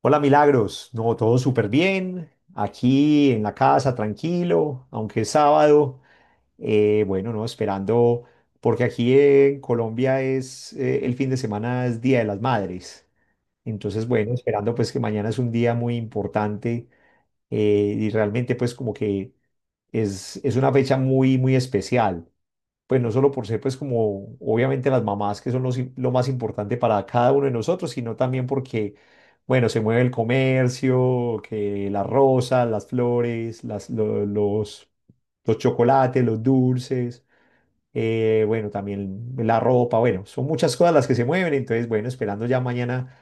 Hola Milagros, no, todo súper bien, aquí en la casa, tranquilo, aunque es sábado, bueno, no, esperando, porque aquí en Colombia es, el fin de semana es Día de las Madres, entonces bueno, esperando pues que mañana es un día muy importante. Eh, y realmente pues como que es una fecha muy especial, pues no solo por ser, pues como obviamente las mamás, que son lo más importante para cada uno de nosotros, sino también porque, bueno, se mueve el comercio, que las rosas, las flores, los chocolates, los dulces, bueno, también la ropa, bueno, son muchas cosas las que se mueven. Entonces, bueno, esperando ya mañana.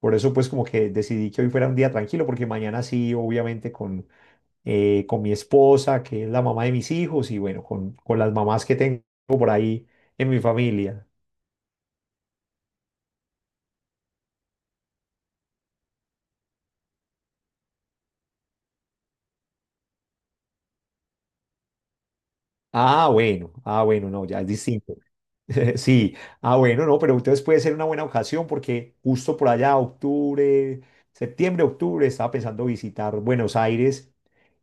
Por eso pues como que decidí que hoy fuera un día tranquilo, porque mañana sí, obviamente con mi esposa, que es la mamá de mis hijos, y bueno, con las mamás que tengo por ahí en mi familia. Ah, bueno, ah, bueno, no, ya es distinto. Sí, ah, bueno, no, pero entonces puede ser una buena ocasión porque justo por allá, octubre, septiembre, octubre, estaba pensando visitar Buenos Aires,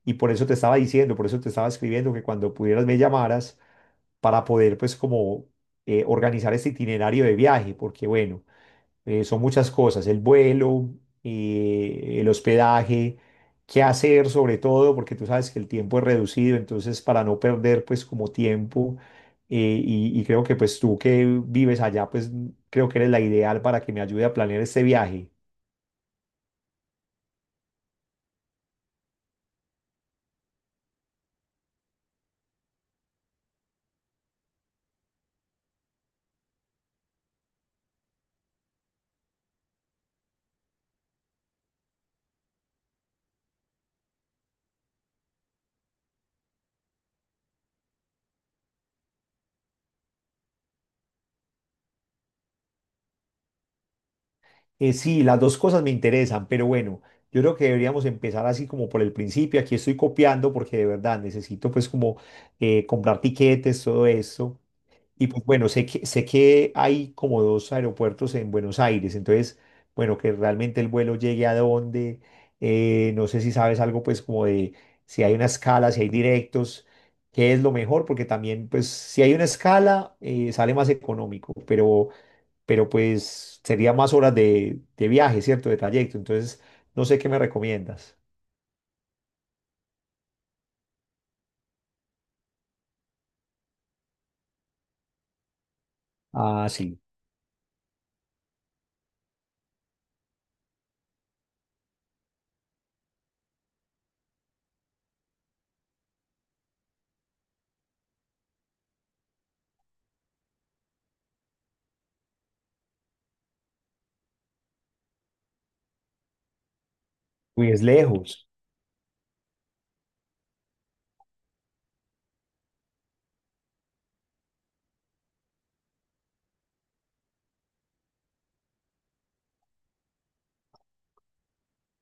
y por eso te estaba diciendo, por eso te estaba escribiendo que cuando pudieras me llamaras para poder pues como organizar este itinerario de viaje, porque bueno, son muchas cosas, el vuelo, el hospedaje, qué hacer sobre todo, porque tú sabes que el tiempo es reducido, entonces para no perder pues como tiempo, y creo que pues tú que vives allá, pues creo que eres la ideal para que me ayude a planear este viaje. Sí, las dos cosas me interesan, pero bueno, yo creo que deberíamos empezar así como por el principio. Aquí estoy copiando porque de verdad necesito pues como comprar tiquetes, todo esto. Y pues bueno, sé que hay como dos aeropuertos en Buenos Aires, entonces, bueno, que realmente el vuelo llegue a dónde. No sé si sabes algo pues como de si hay una escala, si hay directos, qué es lo mejor, porque también pues si hay una escala sale más económico, pero pues sería más horas de viaje, ¿cierto? De trayecto, entonces no sé qué me recomiendas. Ah, sí, uy, es lejos.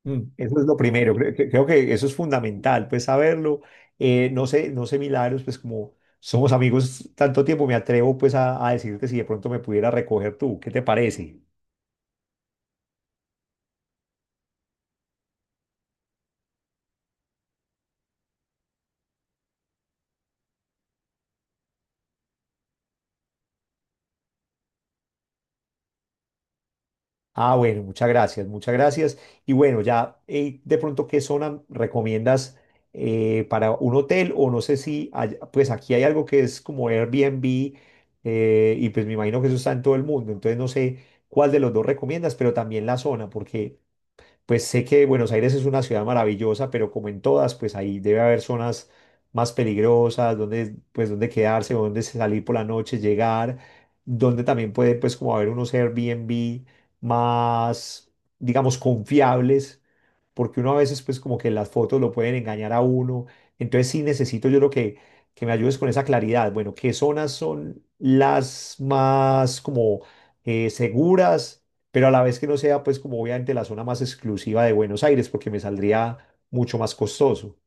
Mm. Eso es lo primero, creo que eso es fundamental, pues saberlo. No sé, no sé, Milagros, pues como somos amigos tanto tiempo, me atrevo pues a decirte si de pronto me pudiera recoger tú, ¿qué te parece? Ah, bueno, muchas gracias, muchas gracias. Y bueno, ya de pronto, ¿qué zona recomiendas para un hotel? O no sé si, hay- pues aquí hay algo que es como Airbnb, y pues me imagino que eso está en todo el mundo, entonces no sé cuál de los dos recomiendas, pero también la zona, porque… Pues sé que Buenos Aires es una ciudad maravillosa, pero como en todas, pues ahí debe haber zonas más peligrosas, donde, pues, donde quedarse, o donde salir por la noche, llegar, donde también puede, pues, como haber unos Airbnb más, digamos, confiables, porque uno a veces pues como que las fotos lo pueden engañar a uno. Entonces sí necesito yo lo que me ayudes con esa claridad. Bueno, ¿qué zonas son las más como seguras, pero a la vez que no sea pues como obviamente la zona más exclusiva de Buenos Aires, porque me saldría mucho más costoso?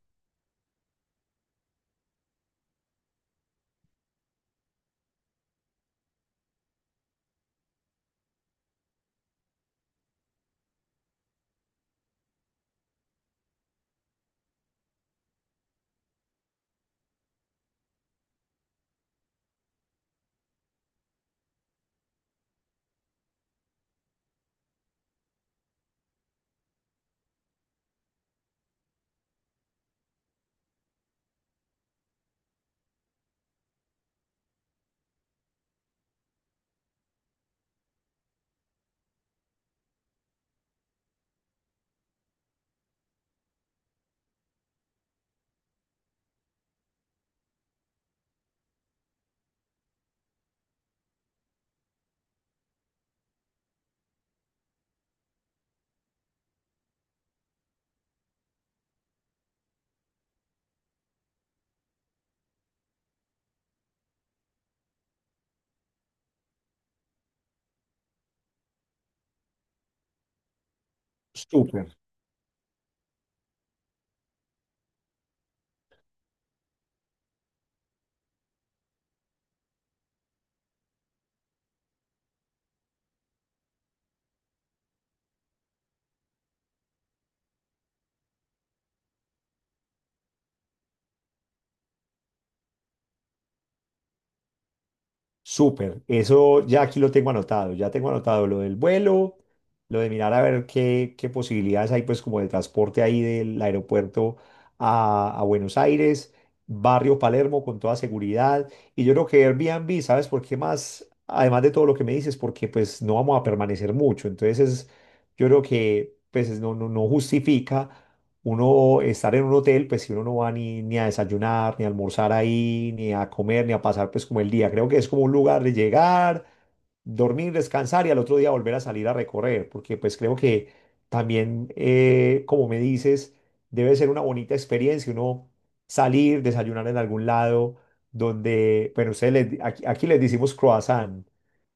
Súper. Súper, eso ya aquí lo tengo anotado, ya tengo anotado lo del vuelo, lo de mirar a ver qué, qué posibilidades hay pues como de transporte ahí del aeropuerto a Buenos Aires, barrio Palermo con toda seguridad. Y yo creo que Airbnb, ¿sabes por qué más? Además de todo lo que me dices, porque pues no vamos a permanecer mucho. Entonces es, yo creo que pues es- no, no, no justifica uno estar en un hotel, pues si uno no va ni, ni a desayunar, ni a almorzar ahí, ni a comer, ni a pasar pues como el día. Creo que es como un lugar de llegar, dormir, descansar y al otro día volver a salir a recorrer, porque pues creo que también, como me dices, debe ser una bonita experiencia uno salir, desayunar en algún lado donde, bueno, ustedes les di- aquí, aquí les decimos croissant,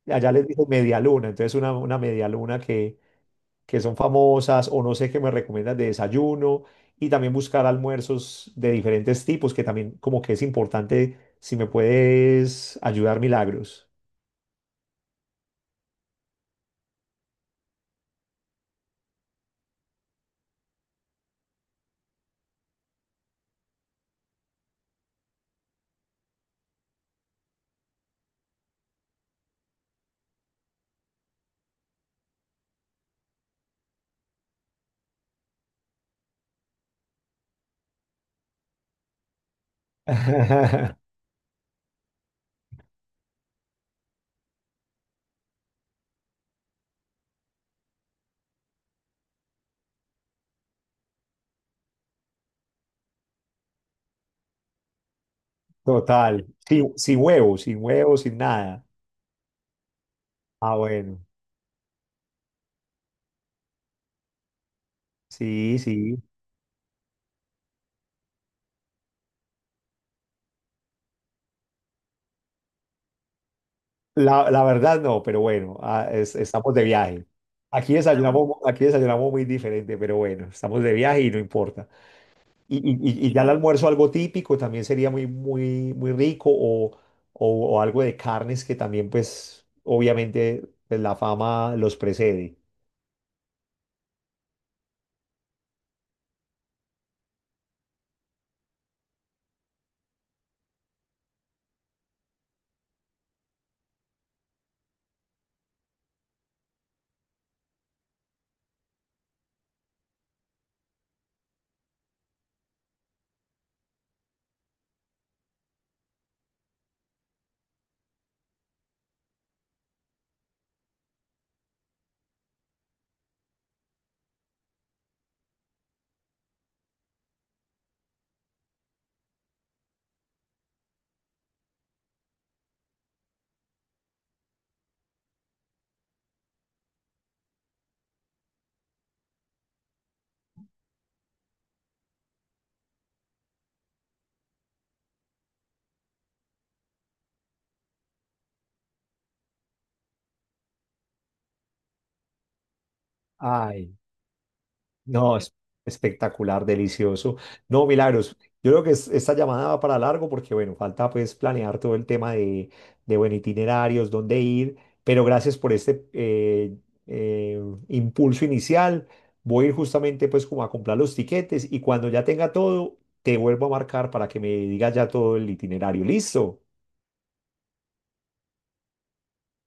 allá les dicen media luna, entonces una media luna que son famosas, o no sé qué me recomiendas de desayuno, y también buscar almuerzos de diferentes tipos, que también como que es importante si me puedes ayudar, Milagros. Total, sin, sin huevos, sin huevos, sin nada. Ah, bueno, sí, sí. La verdad no, pero bueno, ah, es- estamos de viaje. Aquí desayunamos muy diferente, pero bueno, estamos de viaje y no importa. Y ya el almuerzo algo típico también sería muy rico, o o algo de carnes que también pues obviamente pues, la fama los precede. Ay. No, es espectacular, delicioso. No, Milagros, yo creo que es- esta llamada va para largo porque, bueno, falta pues planear todo el tema de bueno, itinerarios, dónde ir, pero gracias por este eh, impulso inicial. Voy a ir justamente pues como a comprar los tiquetes y cuando ya tenga todo, te vuelvo a marcar para que me digas ya todo el itinerario. ¿Listo?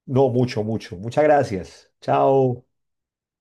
No, mucho, mucho. Muchas gracias. Chao.